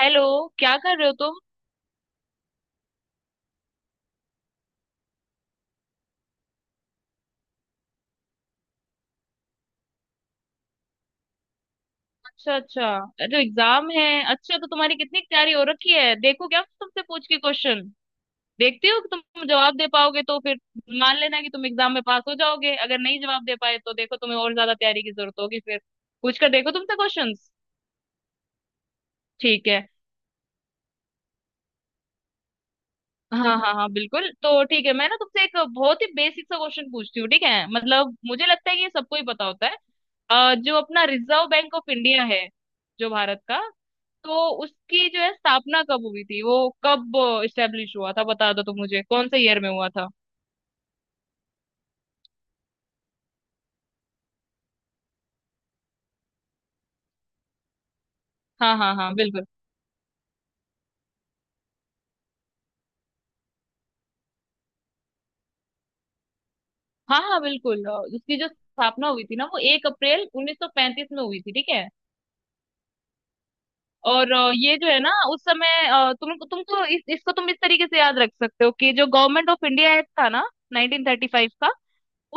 Hello. क्या कर रहे हो तुम? अच्छा अच्छा। अरे एग्जाम है? अच्छा, तो तुम्हारी कितनी तैयारी हो रखी है? देखो, क्या तुमसे पूछ के क्वेश्चन देखती हो कि तुम जवाब दे पाओगे, तो फिर मान लेना कि तुम एग्जाम में पास हो जाओगे। अगर नहीं जवाब दे पाए तो देखो, तुम्हें और ज्यादा तैयारी की जरूरत होगी फिर। पूछ कर देखो तुमसे क्वेश्चंस। ठीक है। हाँ हाँ हाँ, बिल्कुल, तो ठीक है। मैं ना तुमसे एक बहुत ही बेसिक सा क्वेश्चन पूछती हूँ, ठीक है? मतलब मुझे लगता है कि ये सबको ही पता होता है। जो अपना रिजर्व बैंक ऑफ इंडिया है, जो भारत का, तो उसकी जो है स्थापना कब हुई थी? वो कब इस्टेब्लिश हुआ था बता दो तुम मुझे, कौन से ईयर में हुआ था? हाँ हाँ हाँ, बिल्कुल। हाँ हाँ बिल्कुल। उसकी जो स्थापना हुई थी ना, वो 1 अप्रैल 1935 में हुई थी, ठीक है। और ये जो है ना उस समय, तुमको इसको तुम इस तरीके से याद रख सकते हो कि जो गवर्नमेंट ऑफ इंडिया एक्ट था ना, 1935 का,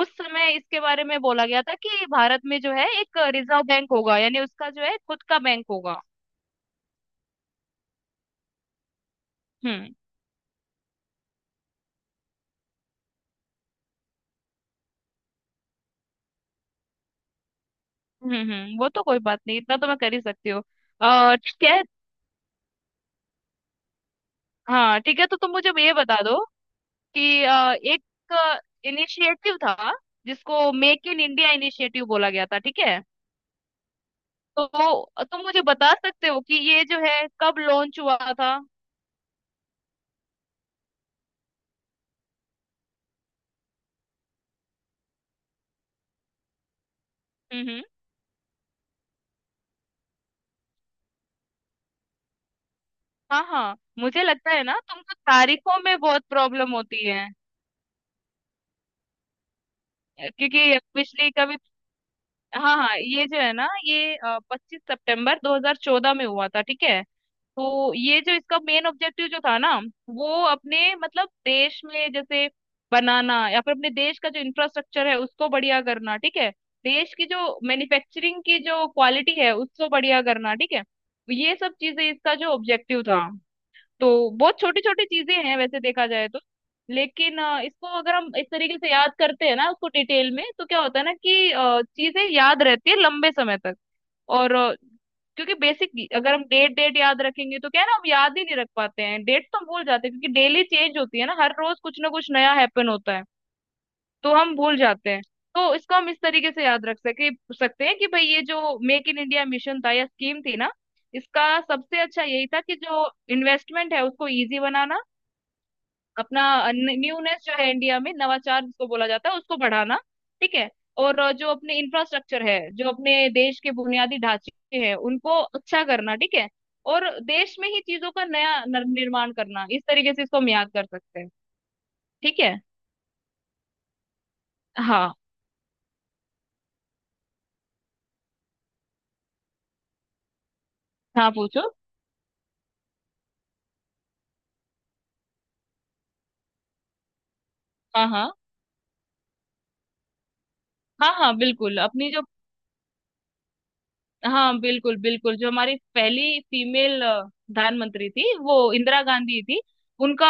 उस समय इसके बारे में बोला गया था कि भारत में जो है एक रिजर्व बैंक होगा, यानी उसका जो है खुद का बैंक होगा। हम्म हम्म, वो तो कोई बात नहीं, इतना तो मैं कर ही सकती हूँ। ठीक है। हाँ ठीक है, तो तुम मुझे ये बता दो कि एक इनिशिएटिव था जिसको मेक इन इंडिया इनिशिएटिव बोला गया था, ठीक है। तो तुम मुझे बता सकते हो कि ये जो है कब लॉन्च हुआ था? हम्म। हाँ हाँ, मुझे लगता है ना, तुमको तारीखों में बहुत प्रॉब्लम होती है, क्योंकि पिछली कभी। हाँ हाँ, ये जो है ना, ये 25 सितंबर 2014 में हुआ था, ठीक है। तो ये जो इसका मेन ऑब्जेक्टिव जो था ना, वो अपने मतलब देश में जैसे बनाना, या फिर अपने देश का जो इंफ्रास्ट्रक्चर है उसको बढ़िया करना, ठीक है। देश की जो मैन्युफैक्चरिंग की जो क्वालिटी है उसको बढ़िया करना, ठीक है। ये सब चीजें इसका जो ऑब्जेक्टिव था। तो बहुत छोटी छोटी चीजें हैं वैसे देखा जाए तो, लेकिन इसको अगर हम इस तरीके से याद करते हैं ना, उसको डिटेल में, तो क्या होता है ना कि चीजें याद रहती है लंबे समय तक। और क्योंकि बेसिक अगर हम डेट डेट याद रखेंगे तो क्या है ना, हम याद ही नहीं रख पाते हैं। डेट तो हम भूल जाते हैं, क्योंकि डेली चेंज होती है ना, हर रोज कुछ ना कुछ नया हैपन होता है। तो हम भूल जाते हैं। तो इसको हम इस तरीके से याद रख सके सकते हैं कि भाई ये जो मेक इन इंडिया मिशन था या स्कीम थी ना, इसका सबसे अच्छा यही था कि जो इन्वेस्टमेंट है उसको इजी बनाना, अपना न्यूनेस जो है इंडिया में, नवाचार जिसको बोला जाता है उसको बढ़ाना, ठीक है। और जो अपने इंफ्रास्ट्रक्चर है, जो अपने देश के बुनियादी ढांचे हैं उनको अच्छा करना, ठीक है। और देश में ही चीजों का नया निर्माण करना, इस तरीके से इसको हम याद कर सकते हैं। ठीक है। हाँ हाँ पूछो। हाँ हाँ हाँ हाँ बिल्कुल। अपनी जो, हाँ बिल्कुल बिल्कुल, जो हमारी पहली फीमेल प्रधानमंत्री थी वो इंदिरा गांधी थी। उनका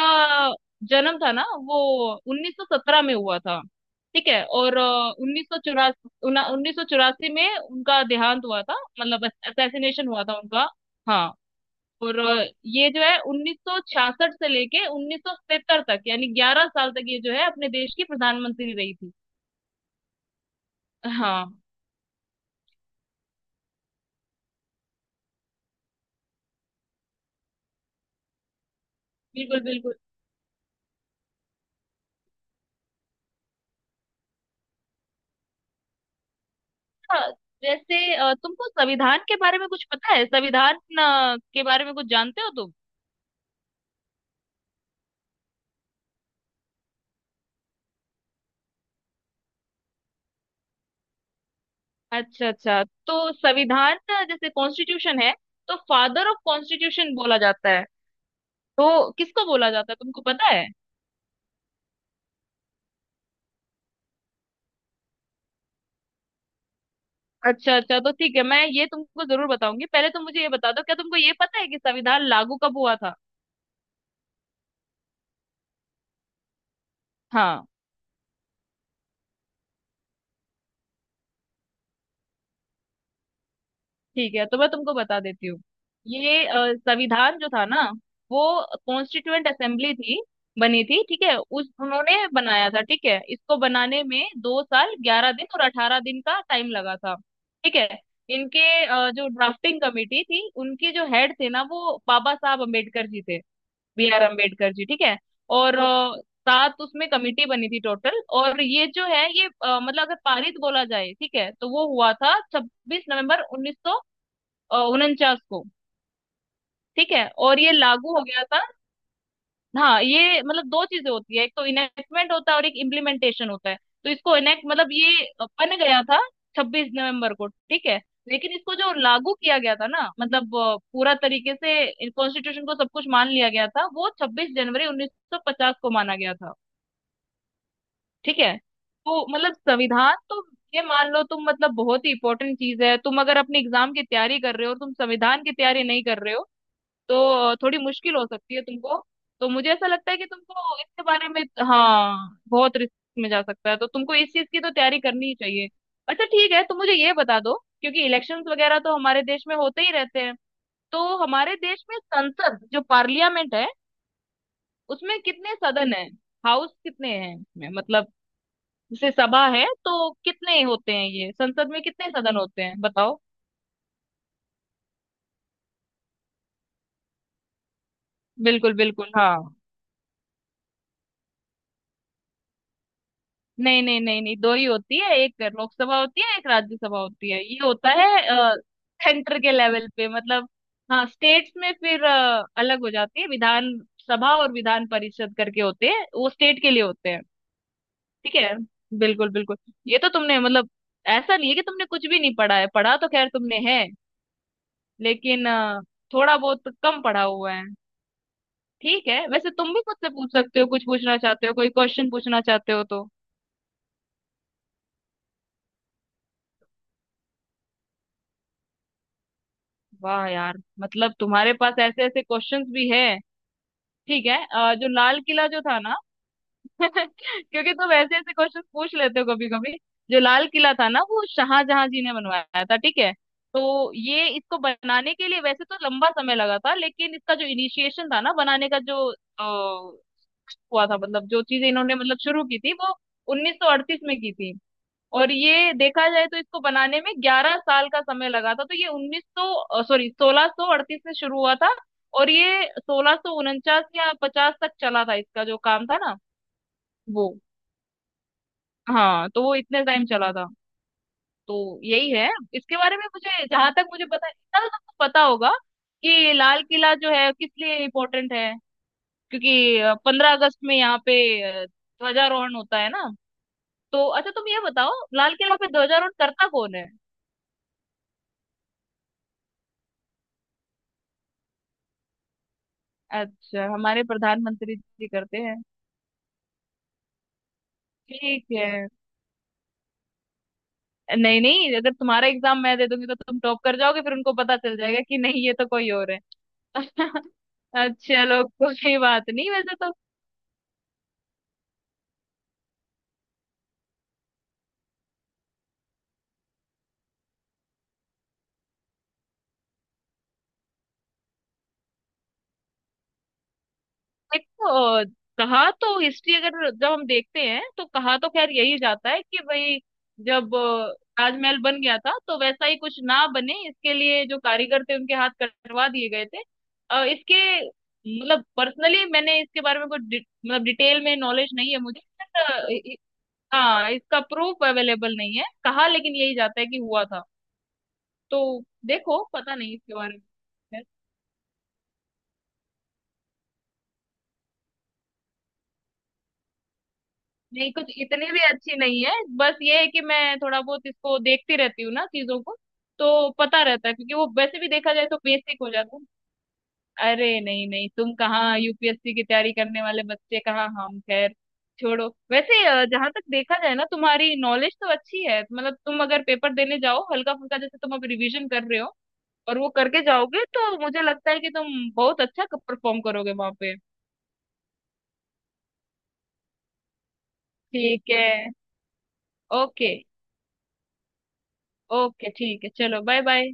जन्म था ना, वो 1917 में हुआ था, ठीक है। और उन्नीस सौ चौरासी में उनका देहांत हुआ था। मतलब असैसिनेशन हुआ था उनका। हाँ। और ये जो है 1966 से लेके 1970 तक, यानी 11 साल तक ये जो है अपने देश की प्रधानमंत्री रही थी। हाँ बिल्कुल बिल्कुल। हाँ, जैसे तुमको संविधान के बारे में कुछ पता है? संविधान के बारे में कुछ जानते हो तुम? अच्छा अच्छा। तो संविधान जैसे कॉन्स्टिट्यूशन है, तो फादर ऑफ कॉन्स्टिट्यूशन बोला जाता है, तो किसको बोला जाता है तुमको पता है? अच्छा अच्छा, तो ठीक है, मैं ये तुमको जरूर बताऊंगी। पहले तुम मुझे ये बता दो, क्या तुमको ये पता है कि संविधान लागू कब हुआ था? हाँ ठीक है, तो मैं तुमको बता देती हूँ। ये संविधान जो था ना, वो कॉन्स्टिट्यूएंट असेंबली थी बनी थी, ठीक है, उस उन्होंने बनाया था, ठीक है। इसको बनाने में 2 साल 11 दिन और 18 दिन का टाइम लगा था, ठीक है। इनके जो ड्राफ्टिंग कमेटी थी, उनके जो हेड थे ना वो बाबा साहब अम्बेडकर जी थे, बी आर अम्बेडकर जी, ठीक है। और 7 उसमें कमेटी बनी थी टोटल। और ये जो है ये मतलब अगर पारित बोला जाए, ठीक है, तो वो हुआ था छब्बीस नवंबर 1900 उनचास को, ठीक है। और ये लागू हो गया था। हाँ, ये मतलब दो चीजें होती है, एक तो इनेक्टमेंट होता है और एक इम्प्लीमेंटेशन होता है। तो इसको इनेक्ट मतलब ये बन गया था 26 नवंबर को, ठीक है। लेकिन इसको जो लागू किया गया था ना, मतलब पूरा तरीके से कॉन्स्टिट्यूशन को सब कुछ मान लिया गया था, वो 26 जनवरी 1950 को माना गया था, ठीक है। तो मतलब संविधान तो, ये मान लो तुम, मतलब बहुत ही इंपॉर्टेंट चीज है। तुम अगर अपने एग्जाम की तैयारी कर रहे हो और तुम संविधान की तैयारी नहीं कर रहे हो तो थोड़ी मुश्किल हो सकती है तुमको। तो मुझे ऐसा लगता है कि तुमको इसके बारे में, हाँ बहुत रिस्क में जा सकता है, तो तुमको इस चीज की तो तैयारी करनी ही चाहिए। अच्छा ठीक है, तुम मुझे ये बता दो, क्योंकि इलेक्शंस वगैरह तो हमारे देश में होते ही रहते हैं, तो हमारे देश में संसद जो पार्लियामेंट है उसमें कितने सदन है? हाउस कितने हैं इसमें, मतलब जैसे सभा है तो कितने होते हैं? ये संसद में कितने सदन होते हैं बताओ? बिल्कुल बिल्कुल, हाँ। नहीं नहीं नहीं नहीं, दो ही होती है, एक लोकसभा होती है, एक राज्यसभा होती है, ये होता है सेंटर के लेवल पे। मतलब हाँ, स्टेट्स में फिर अलग हो जाती है, विधान सभा और विधान परिषद करके होते हैं, वो स्टेट के लिए होते हैं। ठीक है। बिल्कुल बिल्कुल। ये तो तुमने मतलब, ऐसा नहीं है कि तुमने कुछ भी नहीं पढ़ा है, पढ़ा तो खैर तुमने है, लेकिन थोड़ा बहुत तो कम पढ़ा हुआ है। ठीक है, वैसे तुम भी मुझसे पूछ सकते हो, कुछ पूछना चाहते हो, कोई क्वेश्चन पूछना चाहते हो तो? वाह यार, मतलब तुम्हारे पास ऐसे ऐसे क्वेश्चंस भी है? ठीक है। अ, जो लाल किला जो था ना क्योंकि तुम ऐसे ऐसे क्वेश्चंस पूछ लेते हो कभी कभी। जो लाल किला था ना, वो शाहजहां जी ने बनवाया था, ठीक है। तो ये इसको बनाने के लिए वैसे तो लंबा समय लगा था, लेकिन इसका जो इनिशिएशन था ना, बनाने का जो अ, हुआ था, मतलब जो चीजें इन्होंने मतलब शुरू की थी वो 1938 में की थी। और ये देखा जाए तो इसको बनाने में 11 साल का समय लगा था। तो ये उन्नीस सौ सॉरी 1638 में शुरू हुआ था, और ये 1649 या पचास तक चला था, इसका जो काम था ना वो, हाँ तो वो इतने टाइम चला था। तो यही है इसके बारे में मुझे, जहां तक मुझे पता। इतना तो तुमको पता होगा कि लाल किला जो है किस लिए इम्पोर्टेंट है, क्योंकि 15 अगस्त में यहाँ पे ध्वजारोहण होता है ना। तो अच्छा, तुम ये बताओ, लाल किला पे ध्वजारोहण करता कौन है? अच्छा, हमारे प्रधानमंत्री जी करते हैं, ठीक है। नहीं नहीं, अगर तुम्हारा एग्जाम मैं दे दूंगी तो तुम टॉप कर जाओगे, फिर उनको पता चल जाएगा कि नहीं ये तो कोई और है। अच्छा, चलो कोई बात नहीं, वैसे तो देखो अ, कहा तो, हिस्ट्री अगर जब हम देखते हैं तो कहा तो खैर यही जाता है कि भाई जब ताजमहल बन गया था तो वैसा ही कुछ ना बने इसके लिए जो कारीगर थे उनके हाथ कटवा दिए गए थे। अ, इसके मतलब पर्सनली मैंने इसके बारे में कुछ मतलब डिटेल में नॉलेज नहीं है मुझे, बट हाँ इसका प्रूफ अवेलेबल नहीं है, कहा लेकिन यही जाता है कि हुआ था। तो देखो पता नहीं इसके बारे में। नहीं कुछ इतनी भी अच्छी नहीं है, बस ये है कि मैं थोड़ा बहुत इसको देखती रहती हूँ ना चीजों को, तो पता रहता है, क्योंकि वो वैसे भी देखा जाए तो बेसिक हो जाता है। अरे नहीं नहीं, तुम कहाँ यूपीएससी की तैयारी करने वाले बच्चे, कहाँ हम, खैर छोड़ो। वैसे जहाँ तक देखा जाए ना, तुम्हारी नॉलेज तो अच्छी है, मतलब तुम अगर पेपर देने जाओ हल्का फुल्का, जैसे तुम अब रिवीजन कर रहे हो और वो करके जाओगे, तो मुझे लगता है कि तुम बहुत अच्छा परफॉर्म करोगे वहां पे। ठीक है। ओके। ओके ठीक है, चलो बाय बाय।